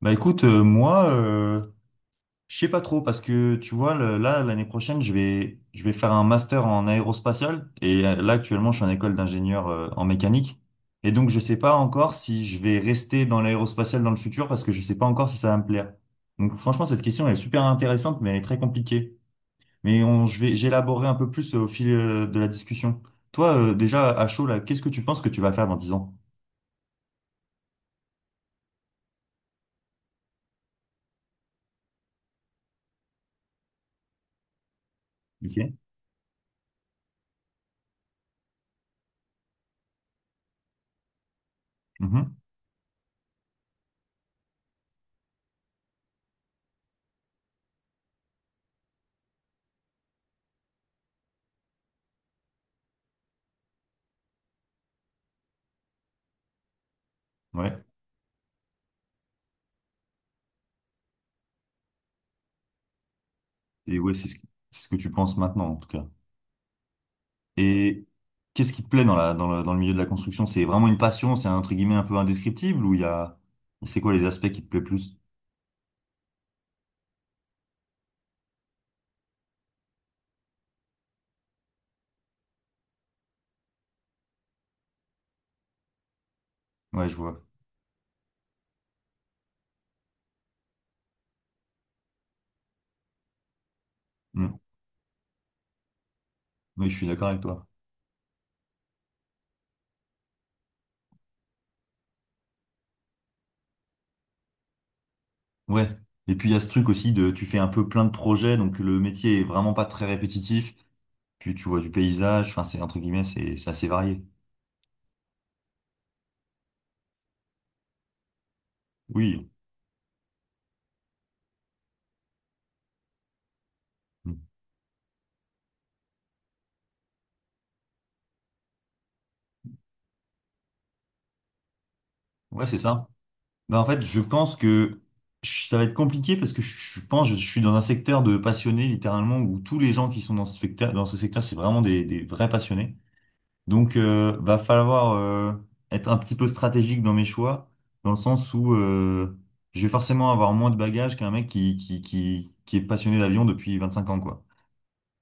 Bah écoute, moi, je sais pas trop parce que tu vois, là, l'année prochaine, je vais faire un master en aérospatial et là, actuellement, je suis en école d'ingénieur en mécanique. Et donc, je sais pas encore si je vais rester dans l'aérospatial dans le futur parce que je sais pas encore si ça va me plaire. Donc, franchement, cette question elle est super intéressante, mais elle est très compliquée. J'élaborerai un peu plus au fil de la discussion. Toi, déjà, à chaud, là, qu'est-ce que tu penses que tu vas faire dans 10 ans? Ok. Mhm. Ouais. Et ouais, c'est ce que tu penses maintenant, en tout cas. Et qu'est-ce qui te plaît dans le milieu de la construction? C'est vraiment une passion, entre guillemets un peu indescriptible ou il y a, c'est quoi les aspects qui te plaît plus? Ouais, je vois. Mm. Oui, je suis d'accord avec toi. Ouais. Et puis il y a ce truc aussi de, tu fais un peu plein de projets, donc le métier est vraiment pas très répétitif. Puis tu vois du paysage, enfin c'est entre guillemets, c'est assez varié. Oui. Mm. Ouais, c'est ça. Ben, en fait, je pense que ça va être compliqué parce que je pense que je suis dans un secteur de passionnés littéralement où tous les gens qui sont dans ce secteur, c'est vraiment des vrais passionnés. Donc, va falloir être un petit peu stratégique dans mes choix, dans le sens où je vais forcément avoir moins de bagages qu'un mec qui est passionné d'avion depuis 25 ans, quoi.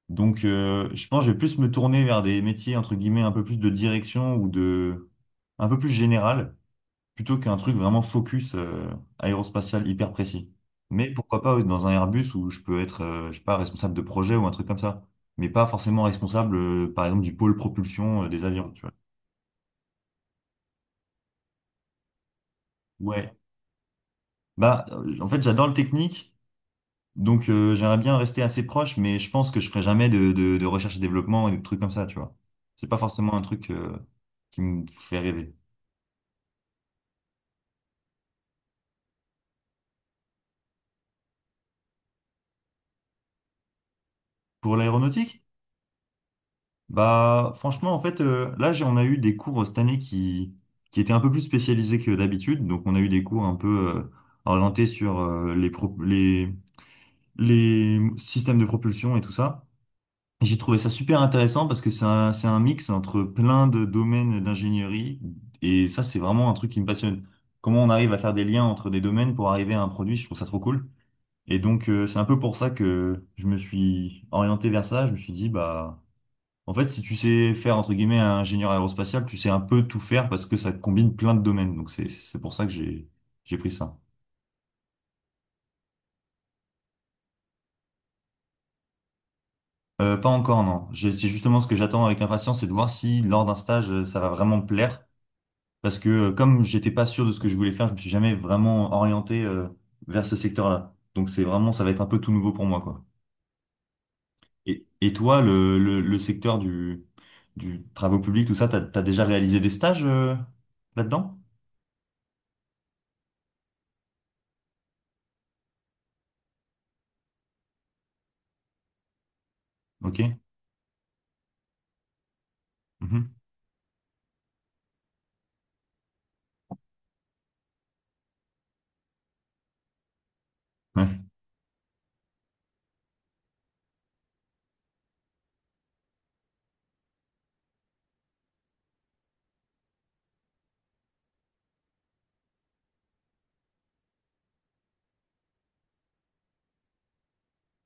Donc, je pense que je vais plus me tourner vers des métiers, entre guillemets, un peu plus de direction un peu plus général, plutôt qu'un truc vraiment focus aérospatial hyper précis. Mais pourquoi pas dans un Airbus où je peux être, je sais pas, responsable de projet ou un truc comme ça. Mais pas forcément responsable, par exemple, du pôle propulsion des avions, tu vois. Ouais, bah en fait j'adore le technique, donc j'aimerais bien rester assez proche, mais je pense que je ferai jamais de recherche et développement et de trucs comme ça, tu vois. C'est pas forcément un truc qui me fait rêver. Pour l'aéronautique, bah franchement en fait là on a eu des cours cette année qui étaient un peu plus spécialisés que d'habitude, donc on a eu des cours un peu orientés sur les systèmes de propulsion et tout ça. J'ai trouvé ça super intéressant parce que c'est un mix entre plein de domaines d'ingénierie et ça, c'est vraiment un truc qui me passionne. Comment on arrive à faire des liens entre des domaines pour arriver à un produit, je trouve ça trop cool. Et donc, c'est un peu pour ça que je me suis orienté vers ça. Je me suis dit, bah, en fait, si tu sais faire, entre guillemets, un ingénieur aérospatial, tu sais un peu tout faire parce que ça combine plein de domaines. Donc, c'est pour ça que j'ai pris ça. Pas encore, non. C'est justement ce que j'attends avec impatience, c'est de voir si lors d'un stage, ça va vraiment me plaire. Parce que comme j'étais pas sûr de ce que je voulais faire, je me suis jamais vraiment orienté vers ce secteur-là. Donc c'est vraiment, ça va être un peu tout nouveau pour moi, quoi. Et toi, le secteur du travaux publics, tout ça, t'as déjà réalisé des stages là-dedans? Ok. Mhm. Ouais.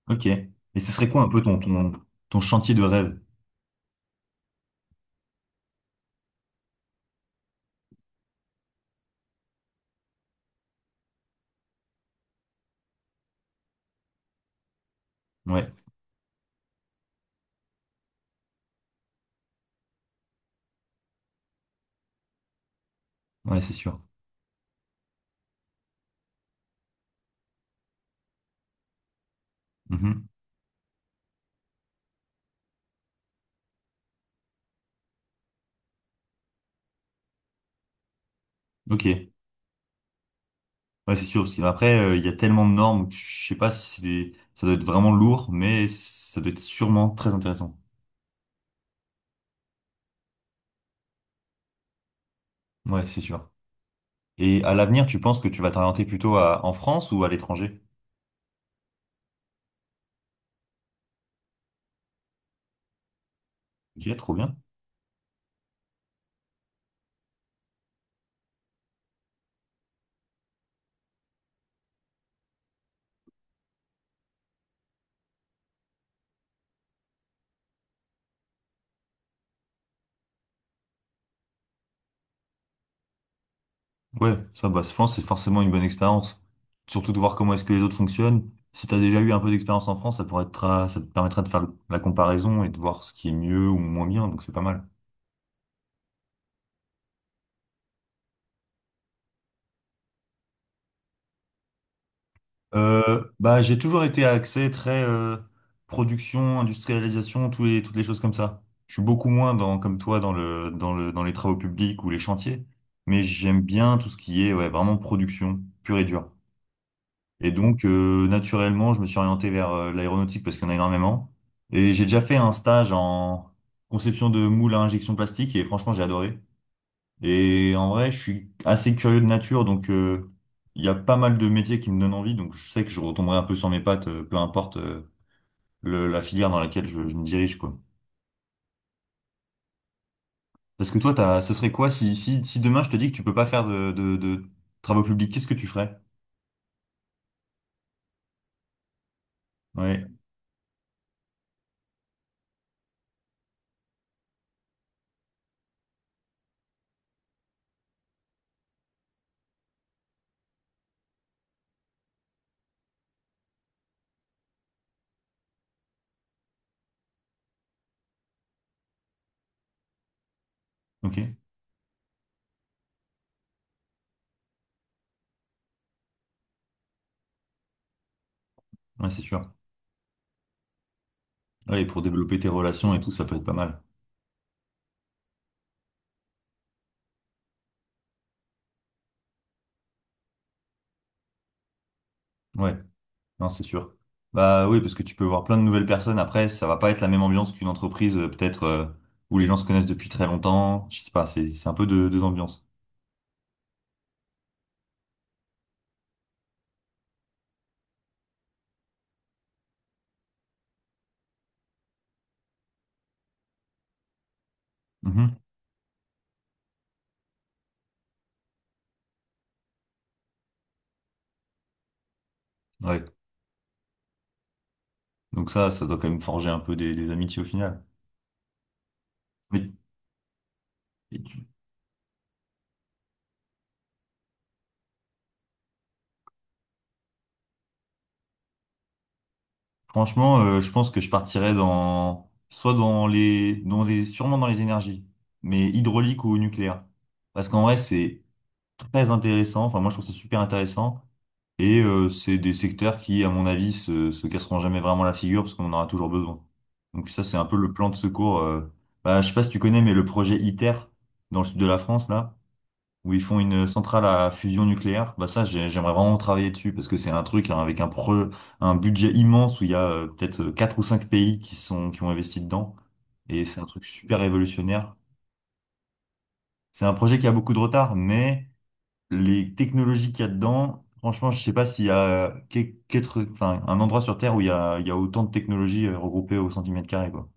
Ok. Et ce serait quoi un peu ton chantier de rêve? Ouais, ouais, c'est sûr. Mhm. Ok. Ouais, c'est sûr, parce qu'après, il y a tellement de normes que je sais pas. Si c'est des... Ça doit être vraiment lourd, mais ça doit être sûrement très intéressant. Ouais, c'est sûr. Et à l'avenir, tu penses que tu vas t'orienter plutôt en France ou à l'étranger? Ok, trop bien. Ouais, ça, bah, je pense que c'est forcément une bonne expérience. Surtout de voir comment est-ce que les autres fonctionnent. Si tu as déjà eu un peu d'expérience en France, ça pourrait être, ça te permettra de faire la comparaison et de voir ce qui est mieux ou moins bien, donc c'est pas mal. Bah, j'ai toujours été axé très production, industrialisation, toutes les choses comme ça. Je suis beaucoup moins dans, comme toi dans les travaux publics ou les chantiers, mais j'aime bien tout ce qui est ouais, vraiment production pure et dure. Et donc, naturellement, je me suis orienté vers l'aéronautique parce qu'il y en a énormément. Et j'ai déjà fait un stage en conception de moules à injection plastique et franchement, j'ai adoré. Et en vrai, je suis assez curieux de nature, donc il y a pas mal de métiers qui me donnent envie, donc je sais que je retomberai un peu sur mes pattes, peu importe la filière dans laquelle je me dirige, quoi. Parce que toi, ce serait quoi si demain je te dis que tu peux pas faire de travaux publics, qu'est-ce que tu ferais? Ouais, ok, ouais, c'est sûr. Ouais, et pour développer tes relations et tout, ça peut être pas mal. Ouais. Non, c'est sûr. Bah oui, parce que tu peux voir plein de nouvelles personnes. Après, ça va pas être la même ambiance qu'une entreprise, peut-être, où les gens se connaissent depuis très longtemps. Je sais pas, c'est un peu deux ambiances. Mhm. Ouais. Donc ça doit quand même forger un peu des amitiés au final. Mais et tu- franchement, je pense que je partirais dans soit dans les sûrement dans les énergies, mais hydraulique ou nucléaire. Parce qu'en vrai, c'est très intéressant. Enfin, moi, je trouve ça super intéressant. Et c'est des secteurs qui, à mon avis, se casseront jamais vraiment la figure parce qu'on en aura toujours besoin. Donc ça, c'est un peu le plan de secours. Bah, je sais pas si tu connais, mais le projet ITER dans le sud de la France, là, où ils font une centrale à fusion nucléaire, bah ça, j'aimerais vraiment travailler dessus parce que c'est un truc hein, avec un budget immense où il y a peut-être quatre ou cinq pays qui ont investi dedans. Et c'est un truc super révolutionnaire. C'est un projet qui a beaucoup de retard, mais les technologies qu'il y a dedans, franchement, je sais pas s'il y a enfin, un endroit sur Terre où il y a autant de technologies regroupées au centimètre carré, quoi.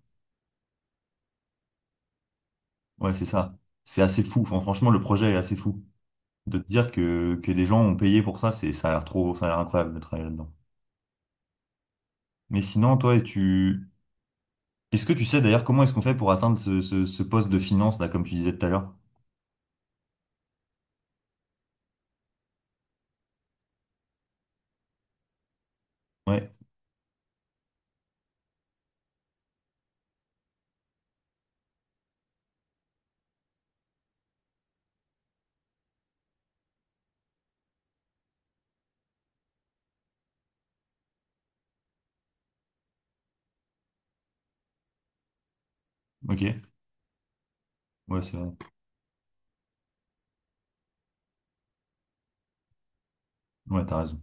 Ouais, c'est ça. C'est assez fou. Enfin, franchement, le projet est assez fou. De te dire que des gens ont payé pour ça, ça a l'air trop, ça a l'air incroyable de travailler là-dedans. Mais sinon, toi, est-ce que tu sais d'ailleurs comment est-ce qu'on fait pour atteindre ce poste de finance, là, comme tu disais tout à l'heure? Ouais, ok. Ouais, c'est vrai. Ouais, t'as raison.